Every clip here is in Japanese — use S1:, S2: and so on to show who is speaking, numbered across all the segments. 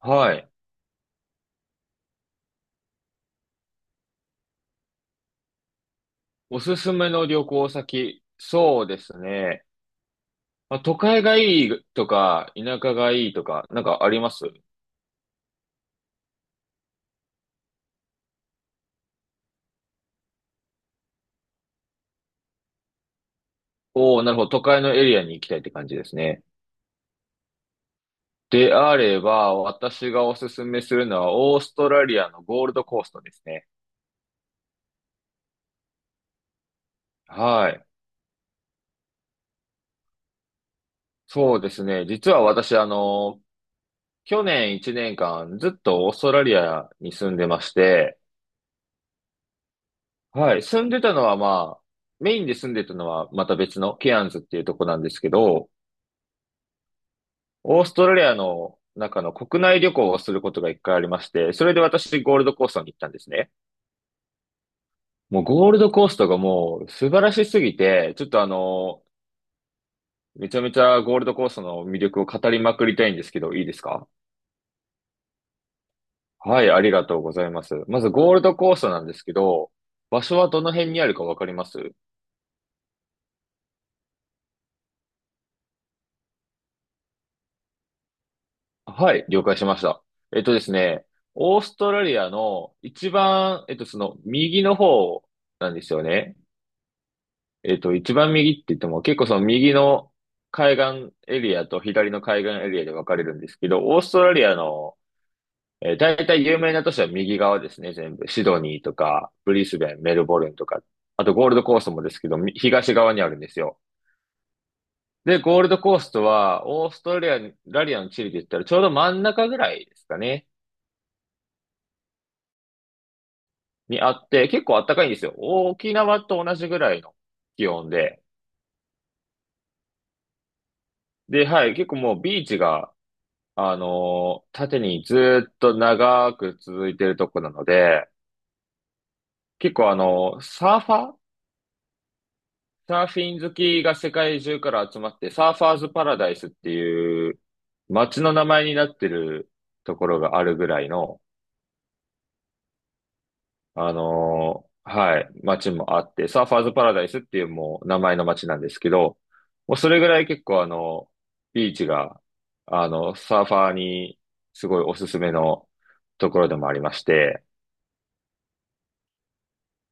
S1: はい。おすすめの旅行先。そうですね。まあ、都会がいいとか、田舎がいいとか、なんかあります？おー、なるほど。都会のエリアに行きたいって感じですね。であれば、私がおすすめするのは、オーストラリアのゴールドコーストですね。はい。そうですね。実は私、去年1年間、ずっとオーストラリアに住んでまして、はい。住んでたのは、まあ、メインで住んでたのはまた別のケアンズっていうとこなんですけど、オーストラリアの中の国内旅行をすることが一回ありまして、それで私ゴールドコーストに行ったんですね。もうゴールドコーストがもう素晴らしすぎて、ちょっとあの、めちゃめちゃゴールドコーストの魅力を語りまくりたいんですけど、いいですか？はい、ありがとうございます。まずゴールドコーストなんですけど、場所はどの辺にあるかわかります？はい、了解しました。えっとですね、オーストラリアの一番、その右の方なんですよね。えっと、一番右って言っても、結構その右の海岸エリアと左の海岸エリアで分かれるんですけど、オーストラリアの、大体有名な都市は右側ですね、全部。シドニーとか、ブリスベン、メルボルンとか、あとゴールドコーストもですけど、み東側にあるんですよ。で、ゴールドコーストは、オーストラリアの地理で言ったらちょうど真ん中ぐらいですかね、にあって、結構暖かいんですよ。沖縄と同じぐらいの気温で。で、はい、結構もうビーチが、縦にずっと長く続いてるとこなので、結構あの、サーフィン好きが世界中から集まって、サーファーズパラダイスっていう街の名前になってるところがあるぐらいの、はい、街もあって、サーファーズパラダイスっていうもう名前の街なんですけど、もうそれぐらい結構あの、ビーチが、サーファーにすごいおすすめのところでもありまして、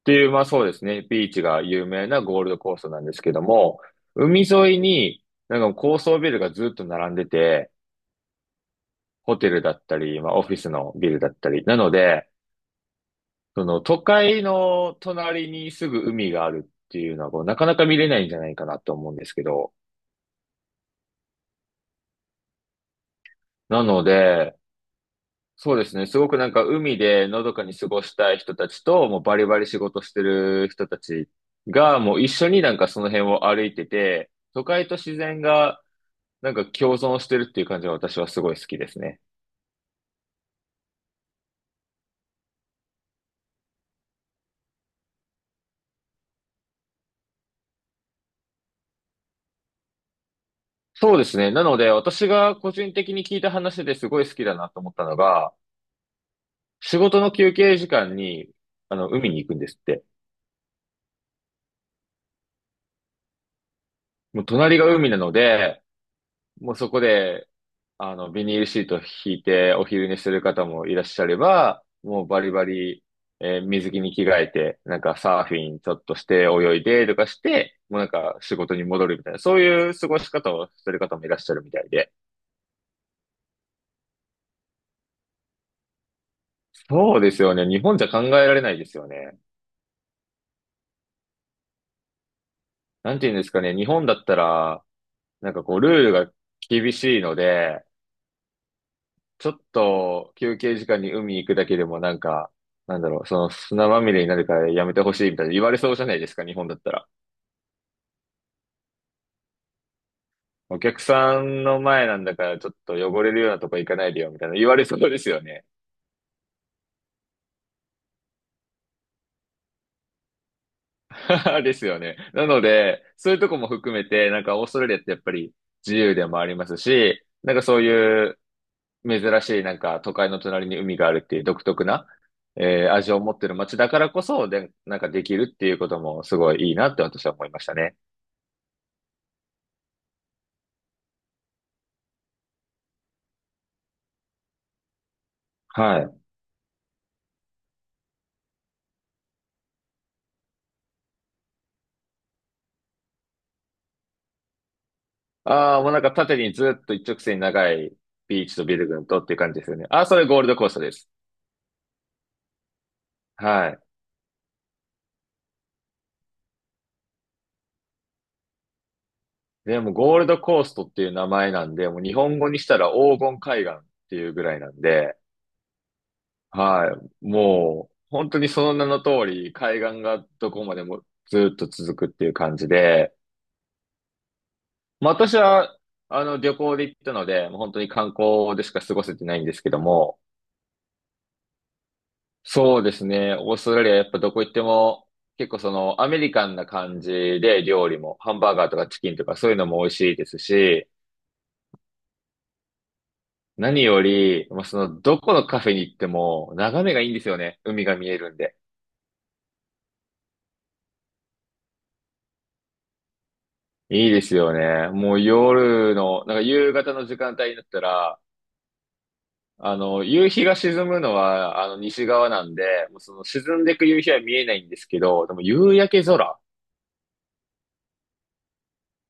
S1: っていう、まあそうですね、ビーチが有名なゴールドコーストなんですけども、海沿いになんか高層ビルがずっと並んでて、ホテルだったり、まあオフィスのビルだったり、なので、その都会の隣にすぐ海があるっていうのはこう、なかなか見れないんじゃないかなと思うんですけど、なので、そうですね。すごくなんか海でのどかに過ごしたい人たちと、もうバリバリ仕事してる人たちが、もう一緒になんかその辺を歩いてて、都会と自然がなんか共存してるっていう感じが私はすごい好きですね。そうですね。なので私が個人的に聞いた話ですごい好きだなと思ったのが、仕事の休憩時間に、海に行くんですって。もう隣が海なので、もうそこで、ビニールシート引いてお昼寝してる方もいらっしゃれば、もうバリバリ、水着に着替えて、なんかサーフィンちょっとして泳いでとかして、もうなんか仕事に戻るみたいな、そういう過ごし方をしてる方もいらっしゃるみたいで。そうですよね。日本じゃ考えられないですよね。なんて言うんですかね。日本だったら、なんかこう、ルールが厳しいので、ちょっと休憩時間に海行くだけでもなんか、その砂まみれになるからやめてほしいみたいな言われそうじゃないですか、日本だったら。お客さんの前なんだからちょっと汚れるようなとこ行かないでよみたいな言われそうですよね。ですよね。なので、そういうとこも含めて、なんかオーストラリアってやっぱり自由でもありますし、なんかそういう珍しいなんか都会の隣に海があるっていう独特な、味を持ってる街だからこそ、で、なんかできるっていうこともすごいいいなって私は思いましたね。はい。ああ、もうなんか縦にずっと一直線に長いビーチとビル群とっていう感じですよね。ああ、それゴールドコーストです。はい。でもゴールドコーストっていう名前なんで、もう日本語にしたら黄金海岸っていうぐらいなんで、はい。もう本当にその名の通り海岸がどこまでもずっと続くっていう感じで、まあ私は旅行で行ったので、もう本当に観光でしか過ごせてないんですけども、そうですね。オーストラリアやっぱどこ行っても結構そのアメリカンな感じで料理もハンバーガーとかチキンとかそういうのも美味しいですし、何より、まあ、そのどこのカフェに行っても眺めがいいんですよね。海が見えるんで。いいですよね。もう夜の、なんか夕方の時間帯になったら、夕日が沈むのはあの西側なんで、もうその沈んでいく夕日は見えないんですけど、でも夕焼け空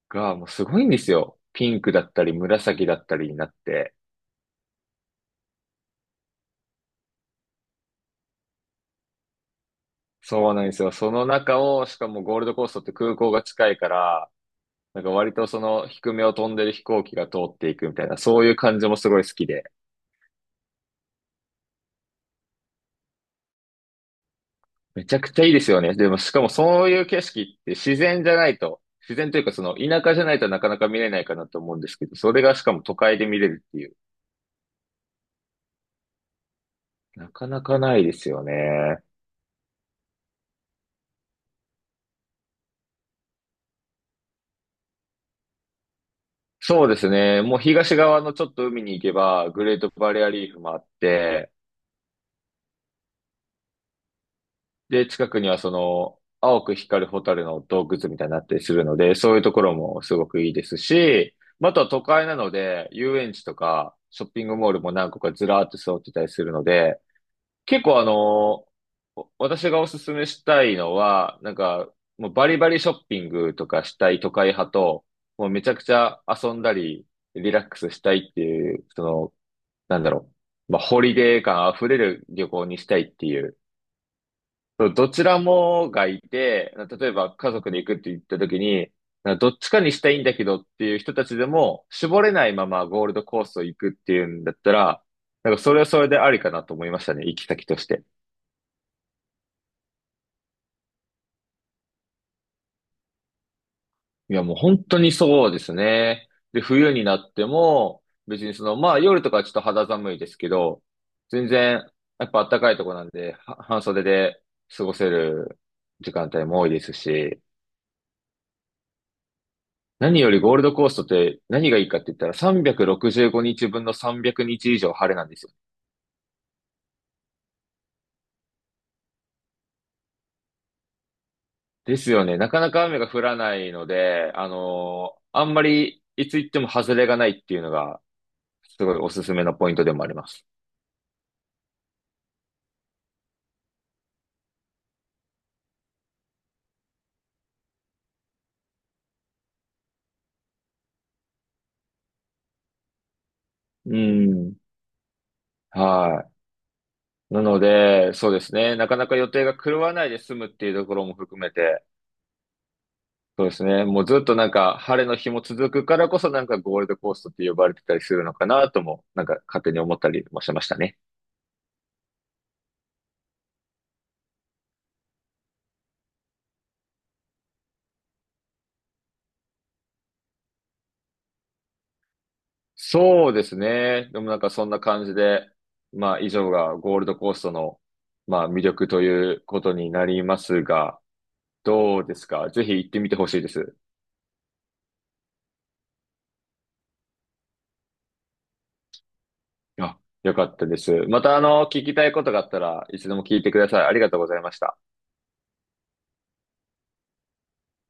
S1: がもうすごいんですよ。ピンクだったり紫だったりになって。そうなんですよ。その中を、しかもゴールドコーストって空港が近いから、なんか割とその低めを飛んでる飛行機が通っていくみたいな、そういう感じもすごい好きで。めちゃくちゃいいですよね。でもしかもそういう景色って自然じゃないと、自然というかその田舎じゃないとなかなか見れないかなと思うんですけど、それがしかも都会で見れるっていう、なかなかないですよね。そうですね。もう東側のちょっと海に行けば、グレートバリアリーフもあって、で、近くにはその、青く光る蛍の洞窟みたいになったりするので、そういうところもすごくいいですし、また都会なので、遊園地とか、ショッピングモールも何個かずらーっと揃ってたりするので、結構あの、私がおすすめしたいのは、なんか、もうバリバリショッピングとかしたい都会派と、もうめちゃくちゃ遊んだり、リラックスしたいっていう、その、なんだろまあ、ホリデー感あふれる旅行にしたいっていう、そうどちらもがいて、例えば家族で行くって言った時に、どっちかにしたいんだけどっていう人たちでも、絞れないままゴールドコースを行くっていうんだったら、なんかそれはそれでありかなと思いましたね、行き先として。いや、もう本当にそうですね。で、冬になっても、別にその、まあ夜とかはちょっと肌寒いですけど、全然、やっぱ暖かいとこなんで、は半袖で過ごせる時間帯も多いですし、何よりゴールドコーストって何がいいかって言ったら365日分の300日以上晴れなんですよ。ですよね。なかなか雨が降らないので、あんまりいつ行っても外れがないっていうのがすごいおすすめのポイントでもあります。うん。はい。なので、そうですね。なかなか予定が狂わないで済むっていうところも含めて、そうですね。もうずっとなんか晴れの日も続くからこそなんかゴールドコーストって呼ばれてたりするのかなとも、なんか勝手に思ったりもしましたね。そうですね。でもなんかそんな感じで、まあ以上がゴールドコーストの、まあ魅力ということになりますが、どうですかぜひ行ってみてほしいです。あ、よかったです。また聞きたいことがあったらいつでも聞いてください。ありがとうございました。